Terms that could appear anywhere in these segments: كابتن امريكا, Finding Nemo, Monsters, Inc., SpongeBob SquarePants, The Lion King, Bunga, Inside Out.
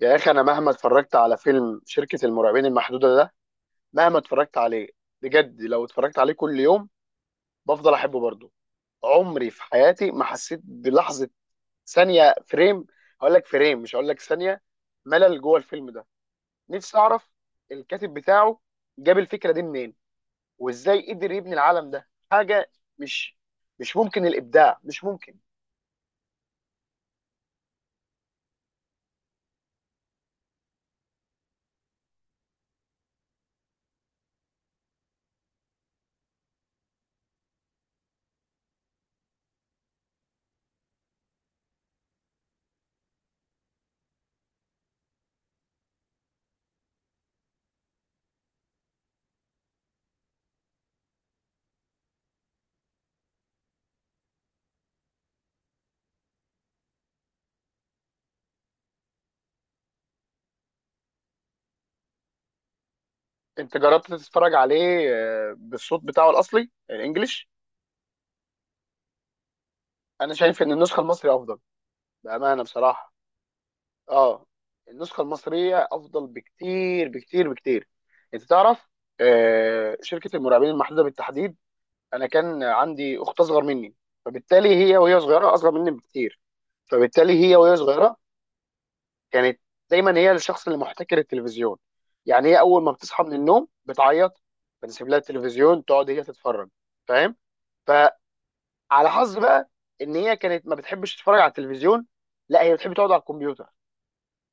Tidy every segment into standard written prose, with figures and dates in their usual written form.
يا اخي انا مهما اتفرجت على فيلم شركة المرعبين المحدودة ده، مهما اتفرجت عليه، بجد لو اتفرجت عليه كل يوم بفضل احبه برضه. عمري في حياتي ما حسيت بلحظة ثانية فريم، هقول لك فريم مش هقول لك ثانية ملل جوه الفيلم ده. نفسي اعرف الكاتب بتاعه جاب الفكرة دي منين، وازاي قدر يبني العالم ده. حاجة مش مش ممكن، الابداع مش ممكن. انت جربت تتفرج عليه بالصوت بتاعه الاصلي الانجليش؟ انا شايف ان النسخة المصري افضل، بأمانة بصراحة. اه، النسخة المصرية أفضل بكتير بكتير بكتير. أنت تعرف، آه، شركة المراقبين المحدودة بالتحديد، أنا كان عندي أخت أصغر مني، فبالتالي هي وهي صغيرة أصغر مني بكتير، فبالتالي هي وهي صغيرة كانت دايما هي الشخص اللي محتكر التلفزيون. يعني هي أول ما بتصحى من النوم بتعيط، بنسيب لها التلفزيون تقعد هي تتفرج، فاهم؟ فعلى حظ بقى إن هي كانت ما بتحبش تتفرج على التلفزيون، لا هي بتحب تقعد على الكمبيوتر.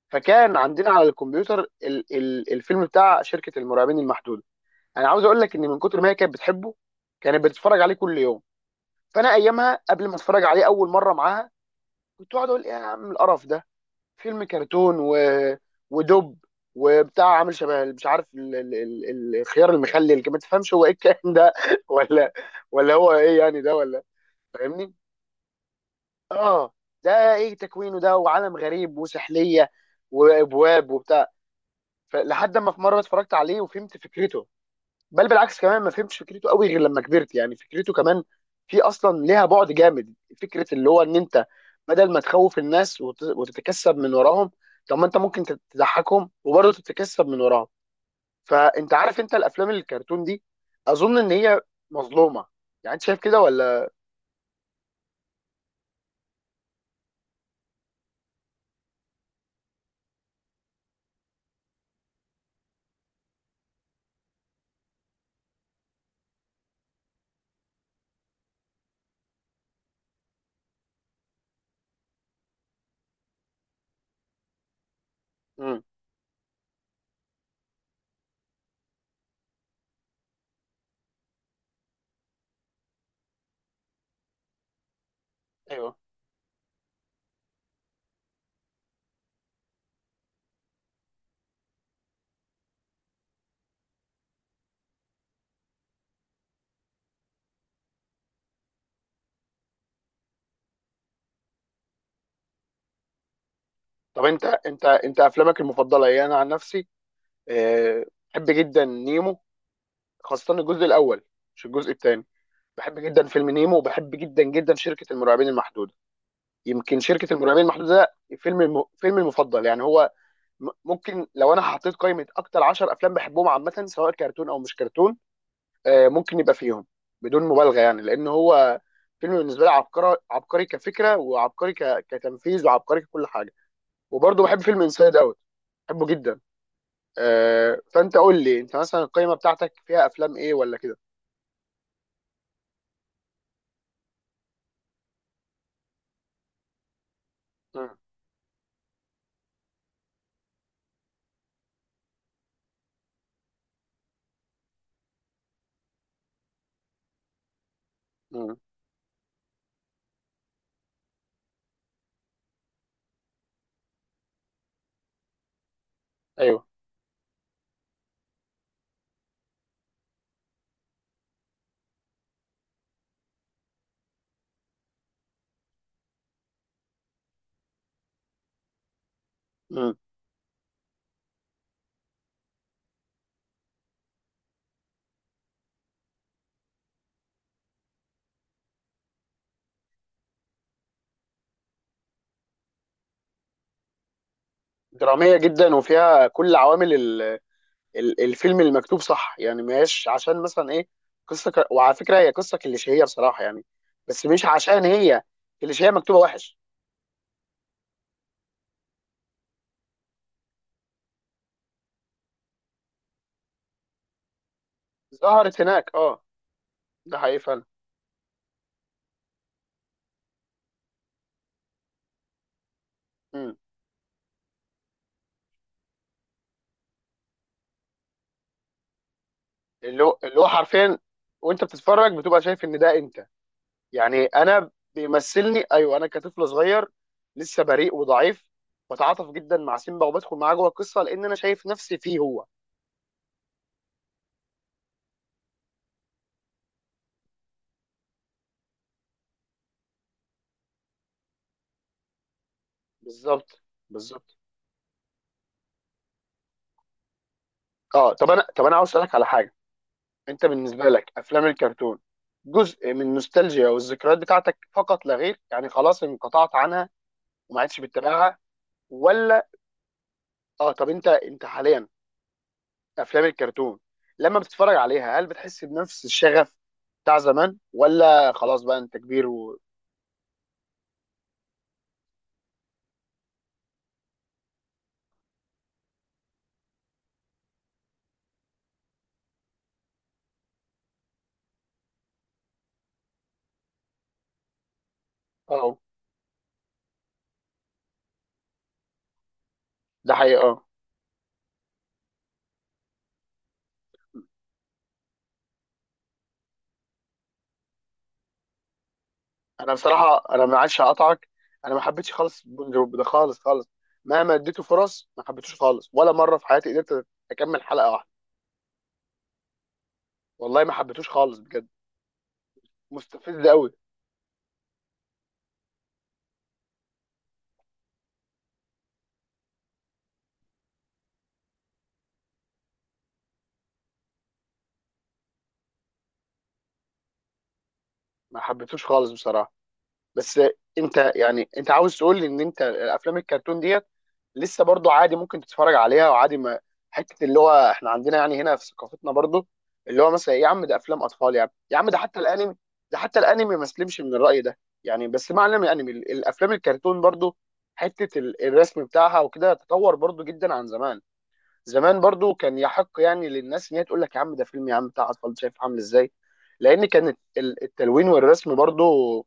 فكان عندنا على الكمبيوتر ال الفيلم بتاع شركه المرعبين المحدوده. انا عاوز اقول لك ان من كتر ما هي كانت بتحبه كانت بتتفرج عليه كل يوم. فانا ايامها قبل ما اتفرج عليه اول مره معاها كنت اقعد اقول ايه يا عم القرف ده. فيلم كرتون ودب وبتاع عامل شبه، مش عارف الخيار المخلل، ما تفهمش هو ايه الكلام ده ولا ولا هو ايه يعني ده، ولا فاهمني؟ اه، ده ايه تكوينه ده؟ وعالم غريب وسحليه وابواب وبتاع. فلحد ما في مره اتفرجت عليه وفهمت فكرته، بل بالعكس كمان ما فهمتش فكرته قوي غير لما كبرت. يعني فكرته كمان في اصلا ليها بعد جامد، فكره اللي هو ان انت بدل ما تخوف الناس وتتكسب من وراهم، طب ما انت ممكن تضحكهم وبرضه تتكسب من وراهم. فانت عارف انت الافلام الكرتون دي اظن ان هي مظلومه، يعني انت شايف كده ولا؟ امم، ايوه. طب انت افلامك المفضله ايه؟ انا عن نفسي، آه، بحب جدا نيمو، خاصه الجزء الاول مش الجزء الثاني. بحب جدا فيلم نيمو وبحب جدا جدا شركة المرعبين المحدودة. يمكن شركة المرعبين المحدودة ده فيلم فيلمي المفضل يعني هو. ممكن لو انا حطيت قائمة اكتر 10 افلام بحبهم عامة سواء كرتون او مش كرتون، آه، ممكن يبقى فيهم، بدون مبالغة، يعني لان هو فيلم بالنسبة لي عبقري، عبقري كفكرة وعبقري كتنفيذ وعبقري ككل حاجة. وبرضه بحب فيلم انسايد اوت، بحبه جدا. آه، فانت قول لي انت مثلا القائمة بتاعتك فيها افلام ايه ولا كده؟ مم. مم. ايوه. مم. درامية جدا وفيها كل عوامل الفيلم المكتوب صح، يعني مش عشان مثلا ايه، قصة وعلى فكرة هي قصة كليشيهية بصراحة يعني، بس مش عشان هي كليشيهية مكتوبة وحش. ظهرت هناك اه، ده حقيقي فعلا. مم. اللي هو اللي هو حرفيا، وانت بتتفرج بتبقى شايف ان ده انت، يعني انا بيمثلني، ايوه انا كطفل صغير لسه بريء وضعيف، بتعاطف جدا مع سيمبا وبدخل معاه جوه القصة لان انا شايف نفسي فيه هو. بالظبط. بالظبط. اه، طب انا، طب انا عاوز اسالك على حاجة. انت بالنسبه لك افلام الكرتون جزء من النوستالجيا والذكريات بتاعتك فقط لا غير، يعني خلاص انقطعت عنها وما عادش بتتابعها؟ ولا؟ اه، طب انت انت حاليا، افلام الكرتون لما بتتفرج عليها هل بتحس بنفس الشغف بتاع زمان، ولا خلاص بقى انت كبير و... اه، ده حقيقة، اه. انا بصراحة انا ما عادش، هقطعك، انا ما حبيتش خالص بونجا ده، خالص خالص. مهما اديته فرص ما حبيتوش خالص، ولا مرة في حياتي قدرت اكمل حلقة واحدة، والله ما حبيتوش خالص بجد، مستفز قوي. ما حبيتوش خالص بصراحه، بس، انت يعني انت عاوز تقول لي ان انت الافلام الكرتون ديت لسه برضو عادي ممكن تتفرج عليها وعادي، ما حته اللي هو احنا عندنا يعني هنا في ثقافتنا برضو اللي هو مثلا يا عم ده افلام اطفال، يعني يا عم ده حتى الانمي، ده حتى الانمي ما سلمش من الراي ده يعني، بس معنى من الانمي يعني الافلام الكرتون برضو، حته الرسم بتاعها وكده تطور برضو جدا عن زمان. زمان برضو كان يحق يعني للناس ان هي تقول لك يا عم ده فيلم يا عم بتاع اطفال شايف عامل ازاي، لان كانت التلوين والرسم برضو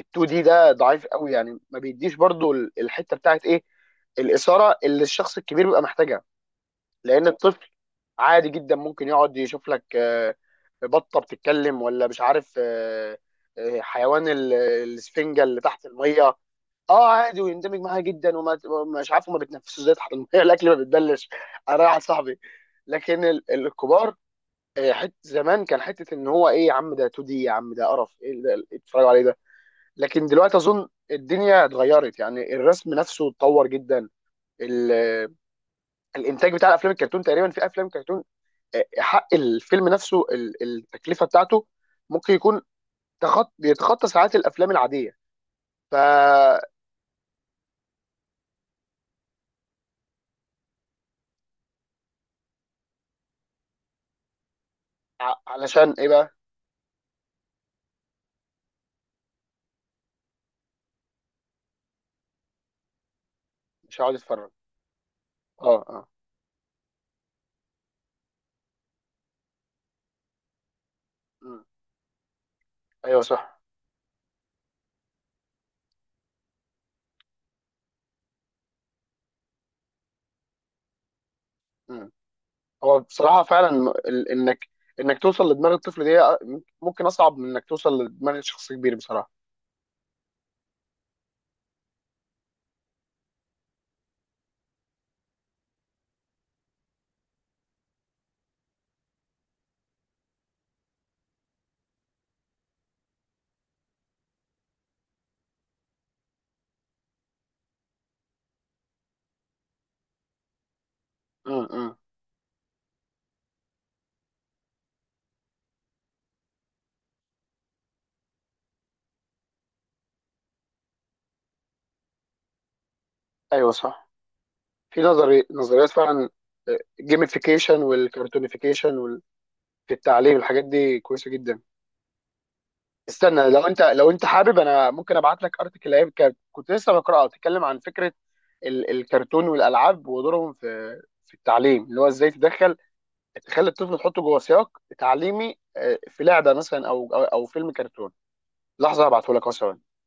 ال2 دي ده ضعيف قوي، يعني ما بيديش برضو الحته بتاعت ايه، الاثاره اللي الشخص الكبير بيبقى محتاجها. لان الطفل عادي جدا ممكن يقعد يشوف لك، آه، بطه بتتكلم ولا مش عارف، آه، آه، حيوان الاسفنجه اللي تحت الميه، اه، عادي ويندمج معاها جدا وما مش عارف هما بيتنفسوا ازاي تحت الميه الاكل ما بيتبلش، انا واحد صاحبي. لكن الكبار، آه، حت زمان كان حته ان هو ايه يا عم ده 2 دي، يا عم ده قرف ايه اللي اتفرجوا عليه ده. لكن دلوقتي اظن الدنيا اتغيرت، يعني الرسم نفسه اتطور جدا، ال- الانتاج بتاع الافلام الكرتون تقريبا، في افلام كرتون، آه، حق الفيلم نفسه التكلفه بتاعته ممكن يكون بيتخطى ساعات الافلام العاديه. ف ع- علشان ايه بقى؟ مش هقعد اتفرج، اه اه. مم. ايوه صح. مم. هو بصراحه فعلا، انك انك توصل لدماغ الطفل دي، آه، ممكن اصعب من انك توصل لدماغ شخص كبير بصراحه. مم. مم. ايوه صح، في نظري نظريات فعلا، جيميفيكيشن والكرتونيفيكيشن في التعليم، الحاجات دي كويسه جدا. استنى، لو انت لو انت حابب انا ممكن ابعت لك ارتكل ايام كنت لسه بقراها، بتتكلم عن فكره الكرتون والالعاب ودورهم في في التعليم، اللي هو ازاي تدخل تخلي الطفل، تحطه جوه سياق تعليمي، آه، في لعبه مثلا أو فيلم كرتون. لحظه هبعته لك اهو، ثواني.